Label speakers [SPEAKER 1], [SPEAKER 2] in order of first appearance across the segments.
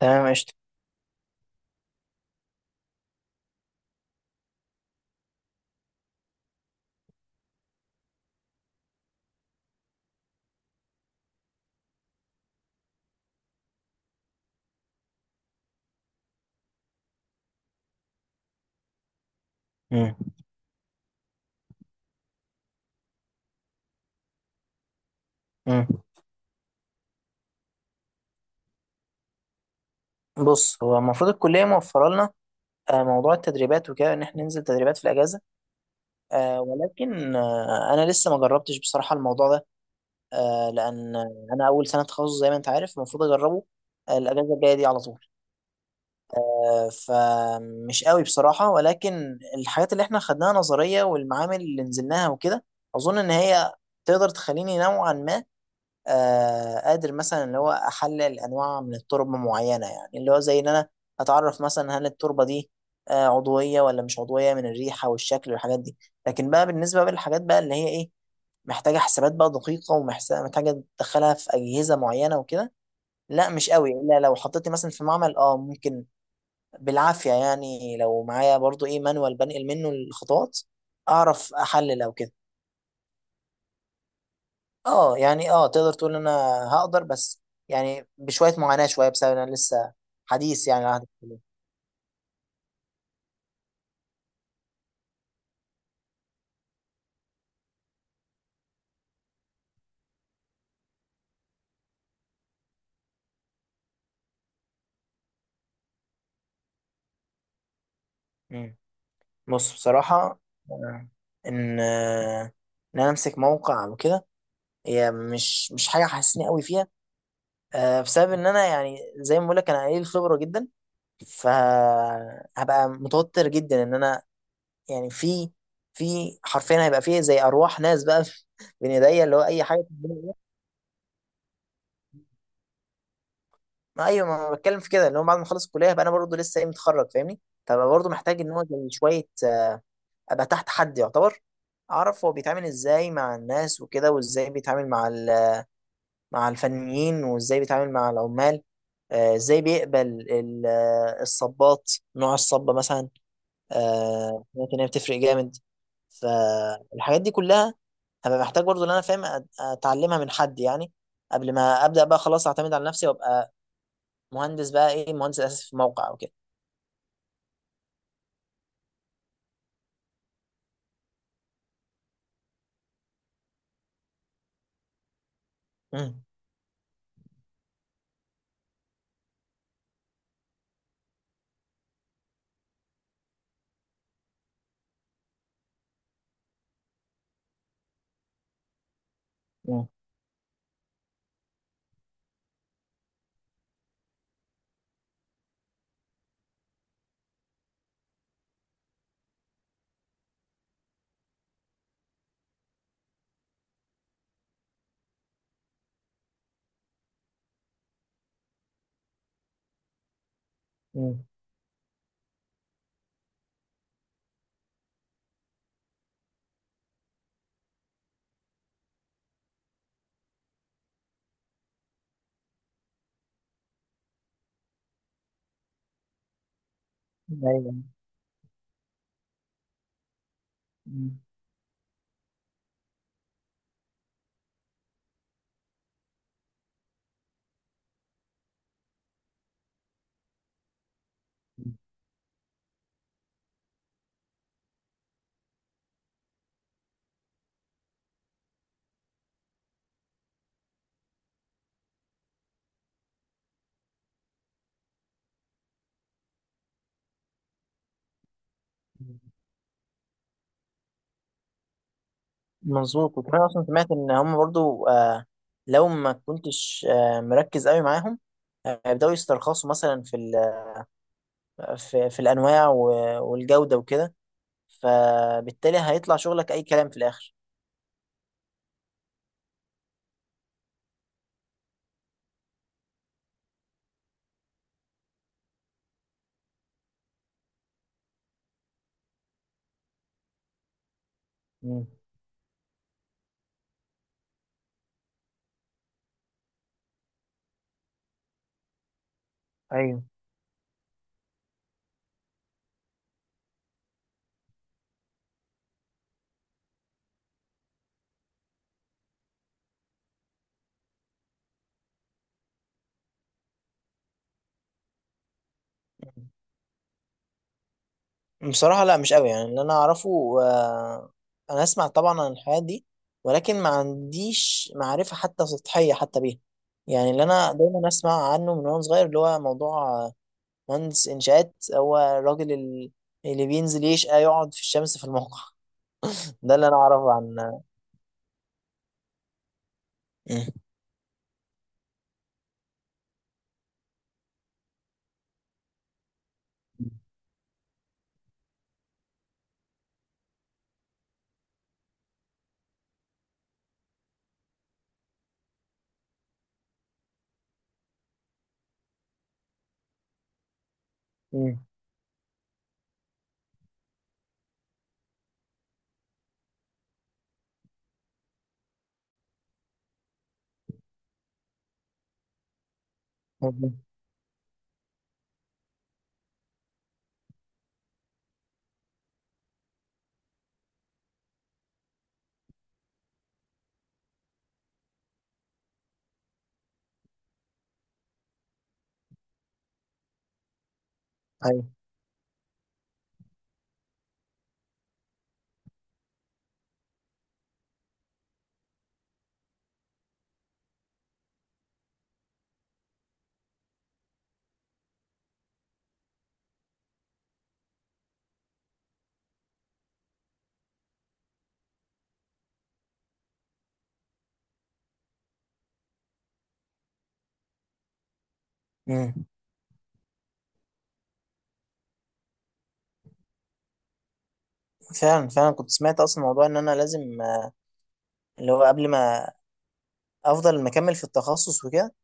[SPEAKER 1] تمام قشطة. مم. مم. بص، هو المفروض الكلية موفرة لنا موضوع التدريبات وكده، إن إحنا ننزل تدريبات في الأجازة. ولكن أنا لسه ما جربتش بصراحة الموضوع ده، لأن أنا أول سنة تخصص زي ما أنت عارف المفروض أجربه الأجازة الجاية دي على طول. فمش قوي بصراحة، ولكن الحاجات اللي إحنا خدناها نظرية والمعامل اللي نزلناها وكده، أظن إن هي تقدر تخليني نوعا ما قادر، مثلا اللي هو احلل انواع من التربه معينه، يعني اللي هو زي ان انا اتعرف مثلا هل التربه دي عضويه ولا مش عضويه، من الريحه والشكل والحاجات دي. لكن بقى بالنسبه بقى للحاجات بقى اللي هي ايه، محتاجه حسابات بقى دقيقه، ومحتاجه تدخلها في اجهزه معينه وكده، لا مش قوي، الا لو حطيتني مثلا في معمل ممكن بالعافيه، يعني لو معايا برضو ايه مانوال بنقل منه الخطوات اعرف احلل او كده. اه يعني تقدر تقول ان انا هقدر، بس يعني بشويه معاناه شويه، بسبب ان انا لسه حديث يعني على عهد الكليه. مم. بص بصراحه، آه، ان آه، ان انا امسك موقع وكده، هي مش حاجه حاسسني قوي فيها، بسبب ان انا يعني زي ما بقول لك انا قليل الخبره جدا، فهبقى متوتر جدا، ان انا يعني في حرفيا هيبقى فيه زي ارواح ناس بقى بين ايديا اللي هو اي حاجه. ما ايوه، ما انا بتكلم في كده، ان هو بعد ما اخلص الكليه هبقى انا برضه لسه ايه متخرج، فاهمني؟ فبقى برضه محتاج ان هو زي شويه، ابقى تحت حد يعتبر، اعرف هو بيتعامل ازاي مع الناس وكده، وازاي بيتعامل مع مع الفنيين، وازاي بيتعامل مع العمال، ازاي بيقبل الصبات، نوع الصبه مثلا ممكن هي بتفرق جامد. فالحاجات دي كلها هبقى محتاج برضه ان انا فاهم اتعلمها من حد يعني قبل ما ابدا بقى خلاص اعتمد على نفسي، وابقى مهندس بقى ايه مهندس اساسي في موقع وكده. مم. مم. مم. أيوة. مم. مظبوط. وكمان اصلا سمعت ان هم برضو لو ما كنتش مركز قوي معاهم، هيبداوا يسترخصوا مثلا في الانواع والجوده وكده، فبالتالي هيطلع شغلك اي كلام في الاخر. مم. أيوة. بصراحة لا مش قوي. يعني اللي أنا أعرفه، أنا أسمع طبعا عن الحياة دي، ولكن ما عنديش معرفة حتى سطحية حتى بيها. يعني اللي أنا دايما أسمع عنه من وأنا صغير اللي هو موضوع مهندس إنشاءات هو الراجل اللي بينزل يشقى يقعد في الشمس في الموقع. ده اللي أنا أعرفه عن. مم. مم. مم. أيوه. مم. فعلا فعلا كنت سمعت أصلا موضوع إن أنا لازم، اللي هو قبل ما أفضل مكمل في التخصص وكده،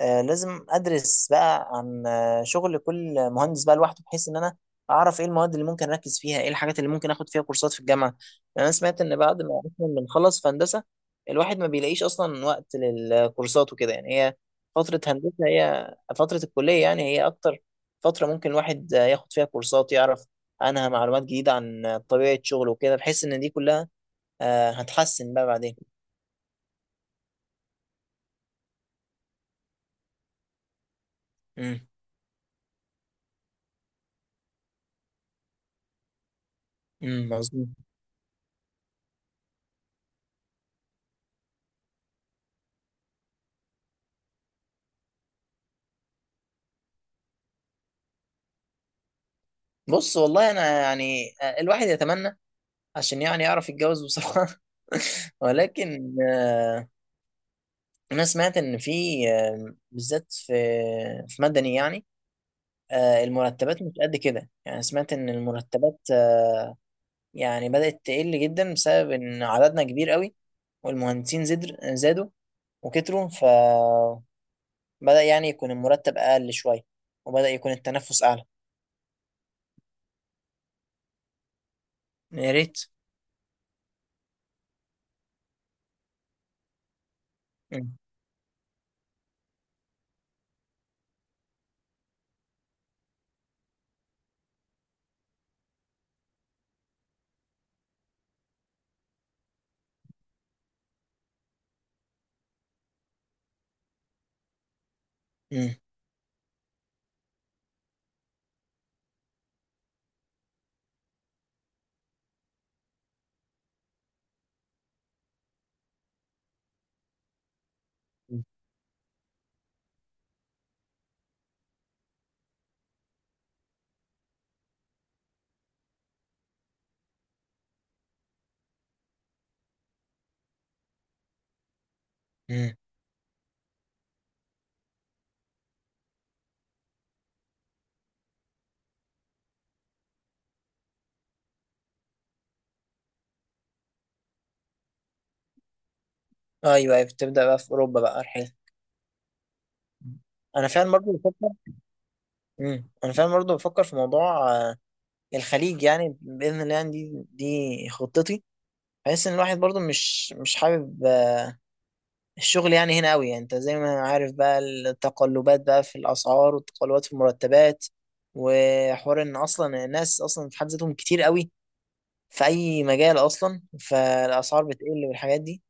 [SPEAKER 1] لازم ادرس بقى عن شغل كل مهندس بقى لوحده، بحيث ان انا اعرف ايه المواد اللي ممكن اركز فيها، ايه الحاجات اللي ممكن اخد فيها كورسات في الجامعه. يعني انا سمعت ان بعد ما اصلا بنخلص في هندسه، الواحد ما بيلاقيش اصلا وقت للكورسات وكده، يعني هي فتره هندسه هي فتره الكليه، يعني هي اكتر فتره ممكن الواحد ياخد فيها كورسات، يعرف عنها معلومات جديده عن طبيعه شغله وكده، بحيث ان دي كلها هتحسن بقى بعدين. امم. امم. مظبوط. بص والله انا يعني الواحد يتمنى، عشان يعني يعرف يتجوز بسرعة ولكن أنا سمعت إن في بالذات في مدني، يعني المرتبات مش قد كده. يعني سمعت إن المرتبات يعني بدأت تقل جدا بسبب إن عددنا كبير قوي، والمهندسين زادوا وكتروا، فبدأ يعني يكون المرتب أقل شوية، وبدأ يكون التنفس أعلى. يا ريت. مم. مم. مم. أيوه، أيوه، بتبدأ بقى في أوروبا بقى رحلة. أنا فعلا برضه. انا فعلا برضه بفكر في موضوع الخليج، يعني باذن الله، يعني دي خطتي، بحيث ان الواحد برضه مش حابب الشغل يعني هنا قوي. يعني انت زي ما عارف بقى التقلبات بقى في الاسعار والتقلبات في المرتبات، وحوار ان اصلا الناس اصلا في حد ذاتهم كتير قوي في اي مجال اصلا، فالاسعار بتقل والحاجات دي.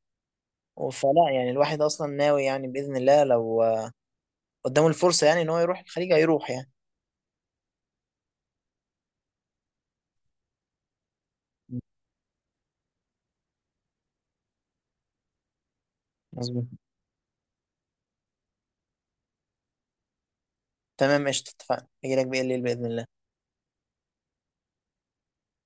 [SPEAKER 1] فلا يعني الواحد اصلا ناوي يعني باذن الله لو قدامه الفرصه يعني ان هو يروح الخليج هيروح يعني. مظبوط. تمام قشطه، اتفقنا، هجيلك بالليل باذن الله.